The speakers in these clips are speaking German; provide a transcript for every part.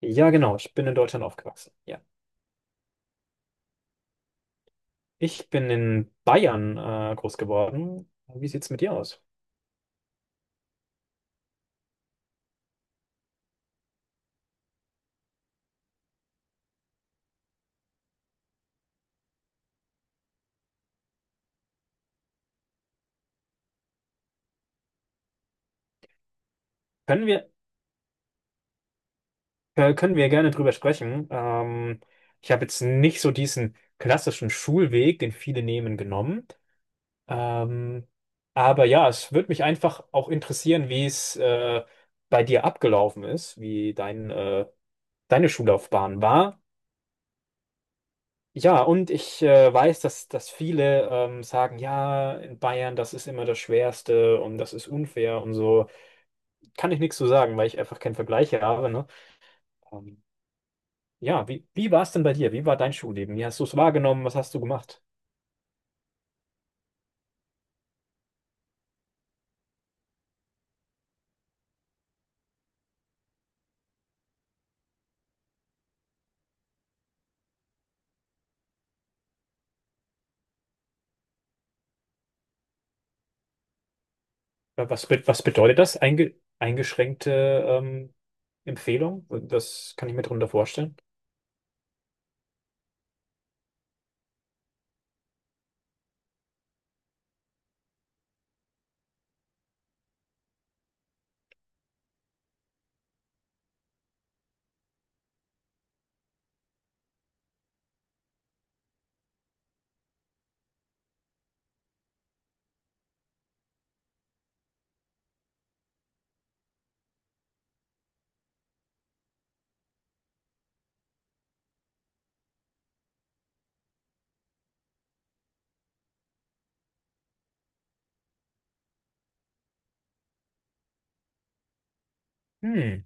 Ja, genau. Ich bin in Deutschland aufgewachsen. Ja. Ich bin in Bayern groß geworden. Wie sieht's mit dir aus? Können wir, Können wir gerne drüber sprechen. Ich habe jetzt nicht so diesen klassischen Schulweg, den viele nehmen, genommen. Ähm, aber ja, es würde mich einfach auch interessieren, wie es bei dir abgelaufen ist, wie deine Schullaufbahn war. Ja, und ich weiß, dass viele sagen, ja, in Bayern, das ist immer das Schwerste und das ist unfair und so. Kann ich nichts zu sagen, weil ich einfach keinen Vergleich habe, ne? Ähm, ja, wie war es denn bei dir? Wie war dein Schulleben? Wie hast du es wahrgenommen? Was hast du gemacht? Was, was bedeutet das? Eingeschränkte ähm, Empfehlung? Das kann ich mir darunter vorstellen. Hm.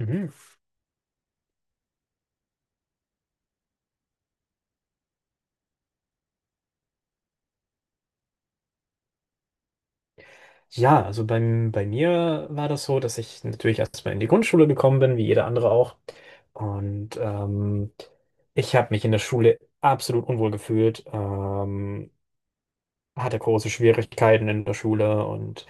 Mhm. Ja, also bei mir war das so, dass ich natürlich erstmal in die Grundschule gekommen bin, wie jeder andere auch. Und ich habe mich in der Schule absolut unwohl gefühlt, hatte große Schwierigkeiten in der Schule und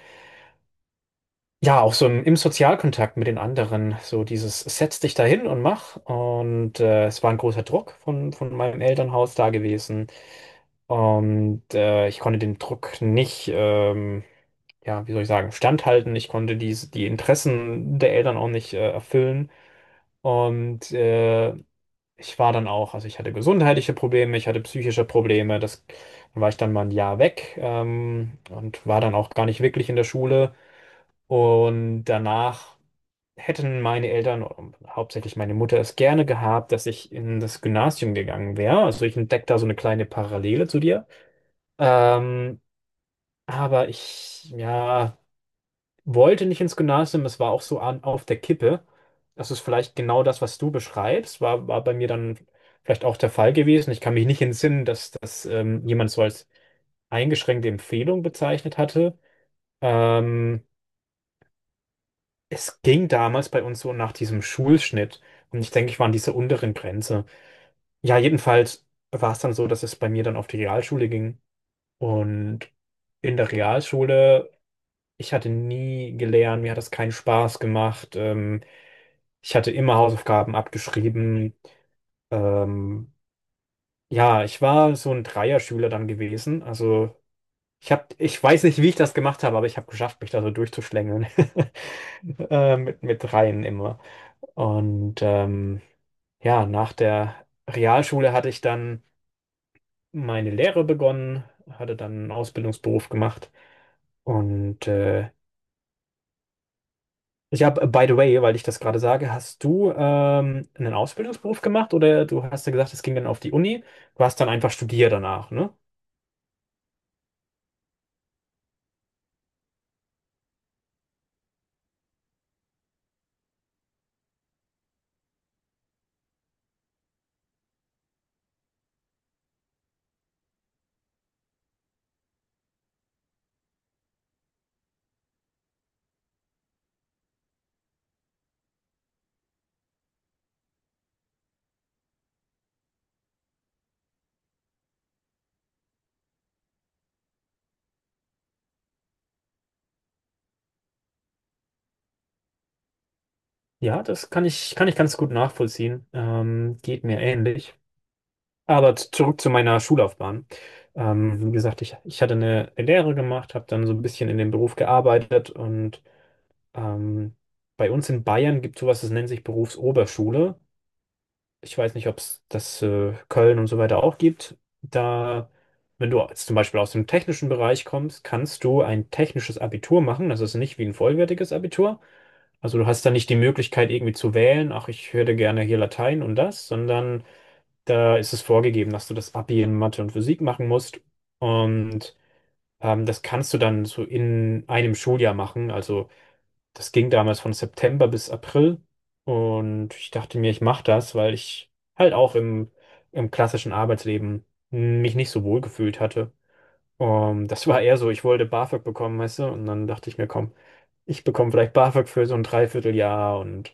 ja, auch so im Sozialkontakt mit den anderen, so dieses setz dich dahin und mach. Und es war ein großer Druck von meinem Elternhaus da gewesen und ich konnte den Druck nicht ja, wie soll ich sagen, standhalten. Ich konnte die Interessen der Eltern auch nicht erfüllen. Und äh, Ich war dann auch, also ich hatte gesundheitliche Probleme, ich hatte psychische Probleme. Das, dann war ich dann mal ein Jahr weg und war dann auch gar nicht wirklich in der Schule. Und danach hätten meine Eltern, hauptsächlich meine Mutter, es gerne gehabt, dass ich in das Gymnasium gegangen wäre. Also ich entdecke da so eine kleine Parallele zu dir. Ähm, aber ich, ja, wollte nicht ins Gymnasium, es war auch so an, auf der Kippe. Das ist vielleicht genau das, was du beschreibst, war bei mir dann vielleicht auch der Fall gewesen. Ich kann mich nicht entsinnen, dass das jemand so als eingeschränkte Empfehlung bezeichnet hatte. Ähm, Es ging damals bei uns so nach diesem Schulschnitt und ich denke, ich war an dieser unteren Grenze. Ja, jedenfalls war es dann so, dass es bei mir dann auf die Realschule ging und in der Realschule, ich hatte nie gelernt, mir hat das keinen Spaß gemacht. Ich hatte immer Hausaufgaben abgeschrieben. Ähm, ja, ich war so ein Dreierschüler dann gewesen. Also ich hab, ich weiß nicht, wie ich das gemacht habe, aber ich habe geschafft, mich da so durchzuschlängeln. Mit mit Dreien immer. Und ja, nach der Realschule hatte ich dann meine Lehre begonnen, hatte dann einen Ausbildungsberuf gemacht und ich habe, by the way, weil ich das gerade sage, hast du einen Ausbildungsberuf gemacht oder du hast ja gesagt, es ging dann auf die Uni, du hast dann einfach studiert danach, ne? Ja, das kann kann ich ganz gut nachvollziehen. Geht mir ähnlich. Aber zurück zu meiner Schullaufbahn. Wie gesagt, ich hatte eine Lehre gemacht, habe dann so ein bisschen in dem Beruf gearbeitet und ähm, bei uns in Bayern gibt es sowas, das nennt sich Berufsoberschule. Ich weiß nicht, ob es das Köln und so weiter auch gibt. Da, wenn du jetzt zum Beispiel aus dem technischen Bereich kommst, kannst du ein technisches Abitur machen. Das ist nicht wie ein vollwertiges Abitur. Also du hast da nicht die Möglichkeit irgendwie zu wählen, ach, ich hätte gerne hier Latein und das, sondern da ist es vorgegeben, dass du das Abi in Mathe und Physik machen musst. Und das kannst du dann so in einem Schuljahr machen. Also das ging damals von September bis April. Und ich dachte mir, ich mache das, weil ich halt auch im klassischen Arbeitsleben mich nicht so wohl gefühlt hatte. Das war eher so, ich wollte BAföG bekommen, weißt du? Und dann dachte ich mir, komm, ich bekomme vielleicht BAföG für so ein Dreivierteljahr. Und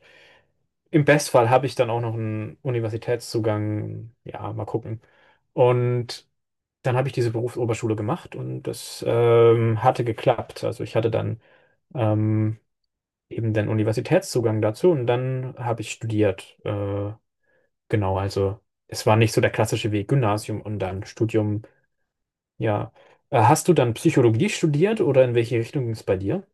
im Bestfall habe ich dann auch noch einen Universitätszugang. Ja, mal gucken. Und dann habe ich diese Berufsoberschule gemacht und das hatte geklappt. Also ich hatte dann ähm, eben den Universitätszugang dazu und dann habe ich studiert. Genau, also es war nicht so der klassische Weg, Gymnasium und dann Studium. Ja, hast du dann Psychologie studiert oder in welche Richtung ging es bei dir?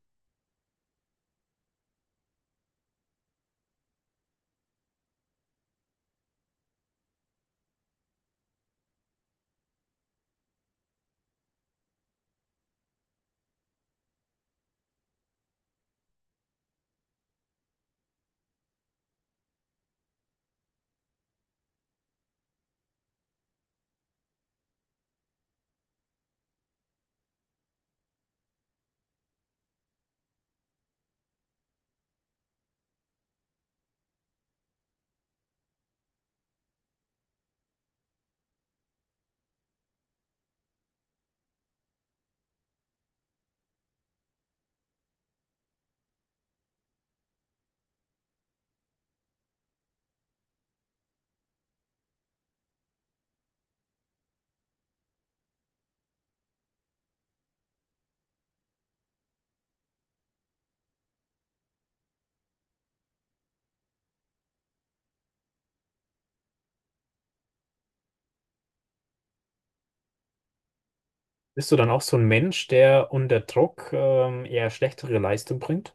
Bist du dann auch so ein Mensch, der unter Druck eher schlechtere Leistung bringt?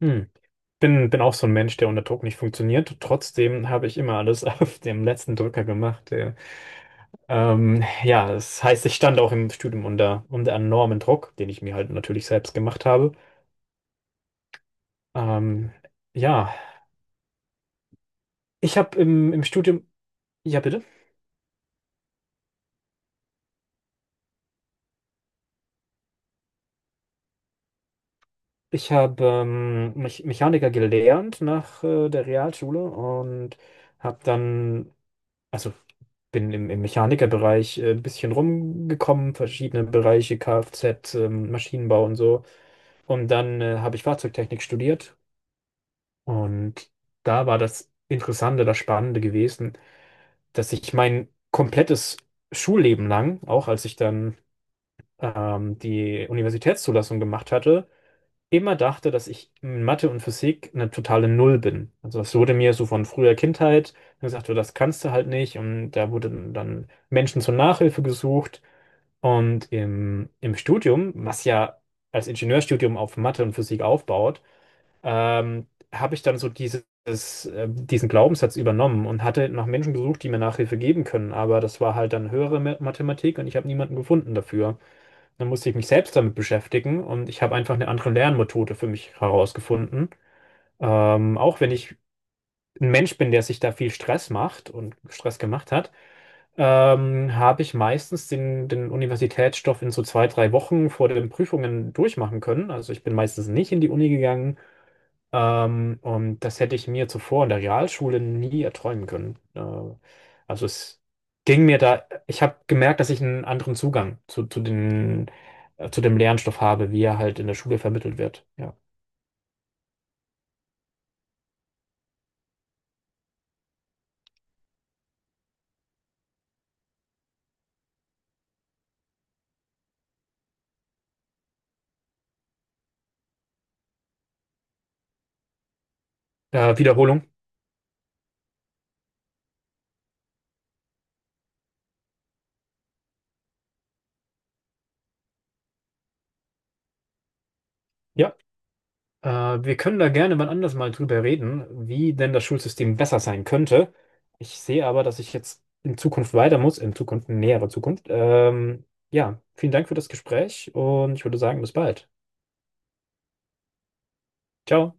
Hm. Bin auch so ein Mensch, der unter Druck nicht funktioniert. Trotzdem habe ich immer alles auf dem letzten Drücker gemacht. Ja. Ja, das heißt, ich stand auch im Studium unter enormen Druck, den ich mir halt natürlich selbst gemacht habe. Ähm, ja, ich habe im Studium, ja bitte, ich habe Mechaniker gelernt nach der Realschule und habe dann, also bin im Mechanikerbereich ein bisschen rumgekommen, verschiedene Bereiche, Kfz, Maschinenbau und so. Und dann habe ich Fahrzeugtechnik studiert und da war das Interessante, das Spannende gewesen, dass ich mein komplettes Schulleben lang, auch als ich dann die Universitätszulassung gemacht hatte, immer dachte, dass ich in Mathe und Physik eine totale Null bin. Also das wurde mir so von früher Kindheit gesagt, du, das kannst du halt nicht. Und da wurden dann Menschen zur Nachhilfe gesucht. Und im Studium, was ja als Ingenieurstudium auf Mathe und Physik aufbaut, ähm, habe ich dann so dieses, diesen Glaubenssatz übernommen und hatte nach Menschen gesucht, die mir Nachhilfe geben können. Aber das war halt dann höhere Mathematik und ich habe niemanden gefunden dafür. Dann musste ich mich selbst damit beschäftigen und ich habe einfach eine andere Lernmethode für mich herausgefunden. Auch wenn ich ein Mensch bin, der sich da viel Stress macht und Stress gemacht hat, habe ich meistens den Universitätsstoff in so zwei, drei Wochen vor den Prüfungen durchmachen können. Also ich bin meistens nicht in die Uni gegangen, und das hätte ich mir zuvor in der Realschule nie erträumen können. Also es ging mir da, ich habe gemerkt, dass ich einen anderen Zugang zu den, zu dem Lernstoff habe, wie er halt in der Schule vermittelt wird. Ja. Wiederholung. Ja. Äh, Wir können da gerne wann anders mal drüber reden, wie denn das Schulsystem besser sein könnte. Ich sehe aber, dass ich jetzt in Zukunft weiter muss, in Zukunft, in näherer Zukunft. Ja, vielen Dank für das Gespräch und ich würde sagen, bis bald. Ciao.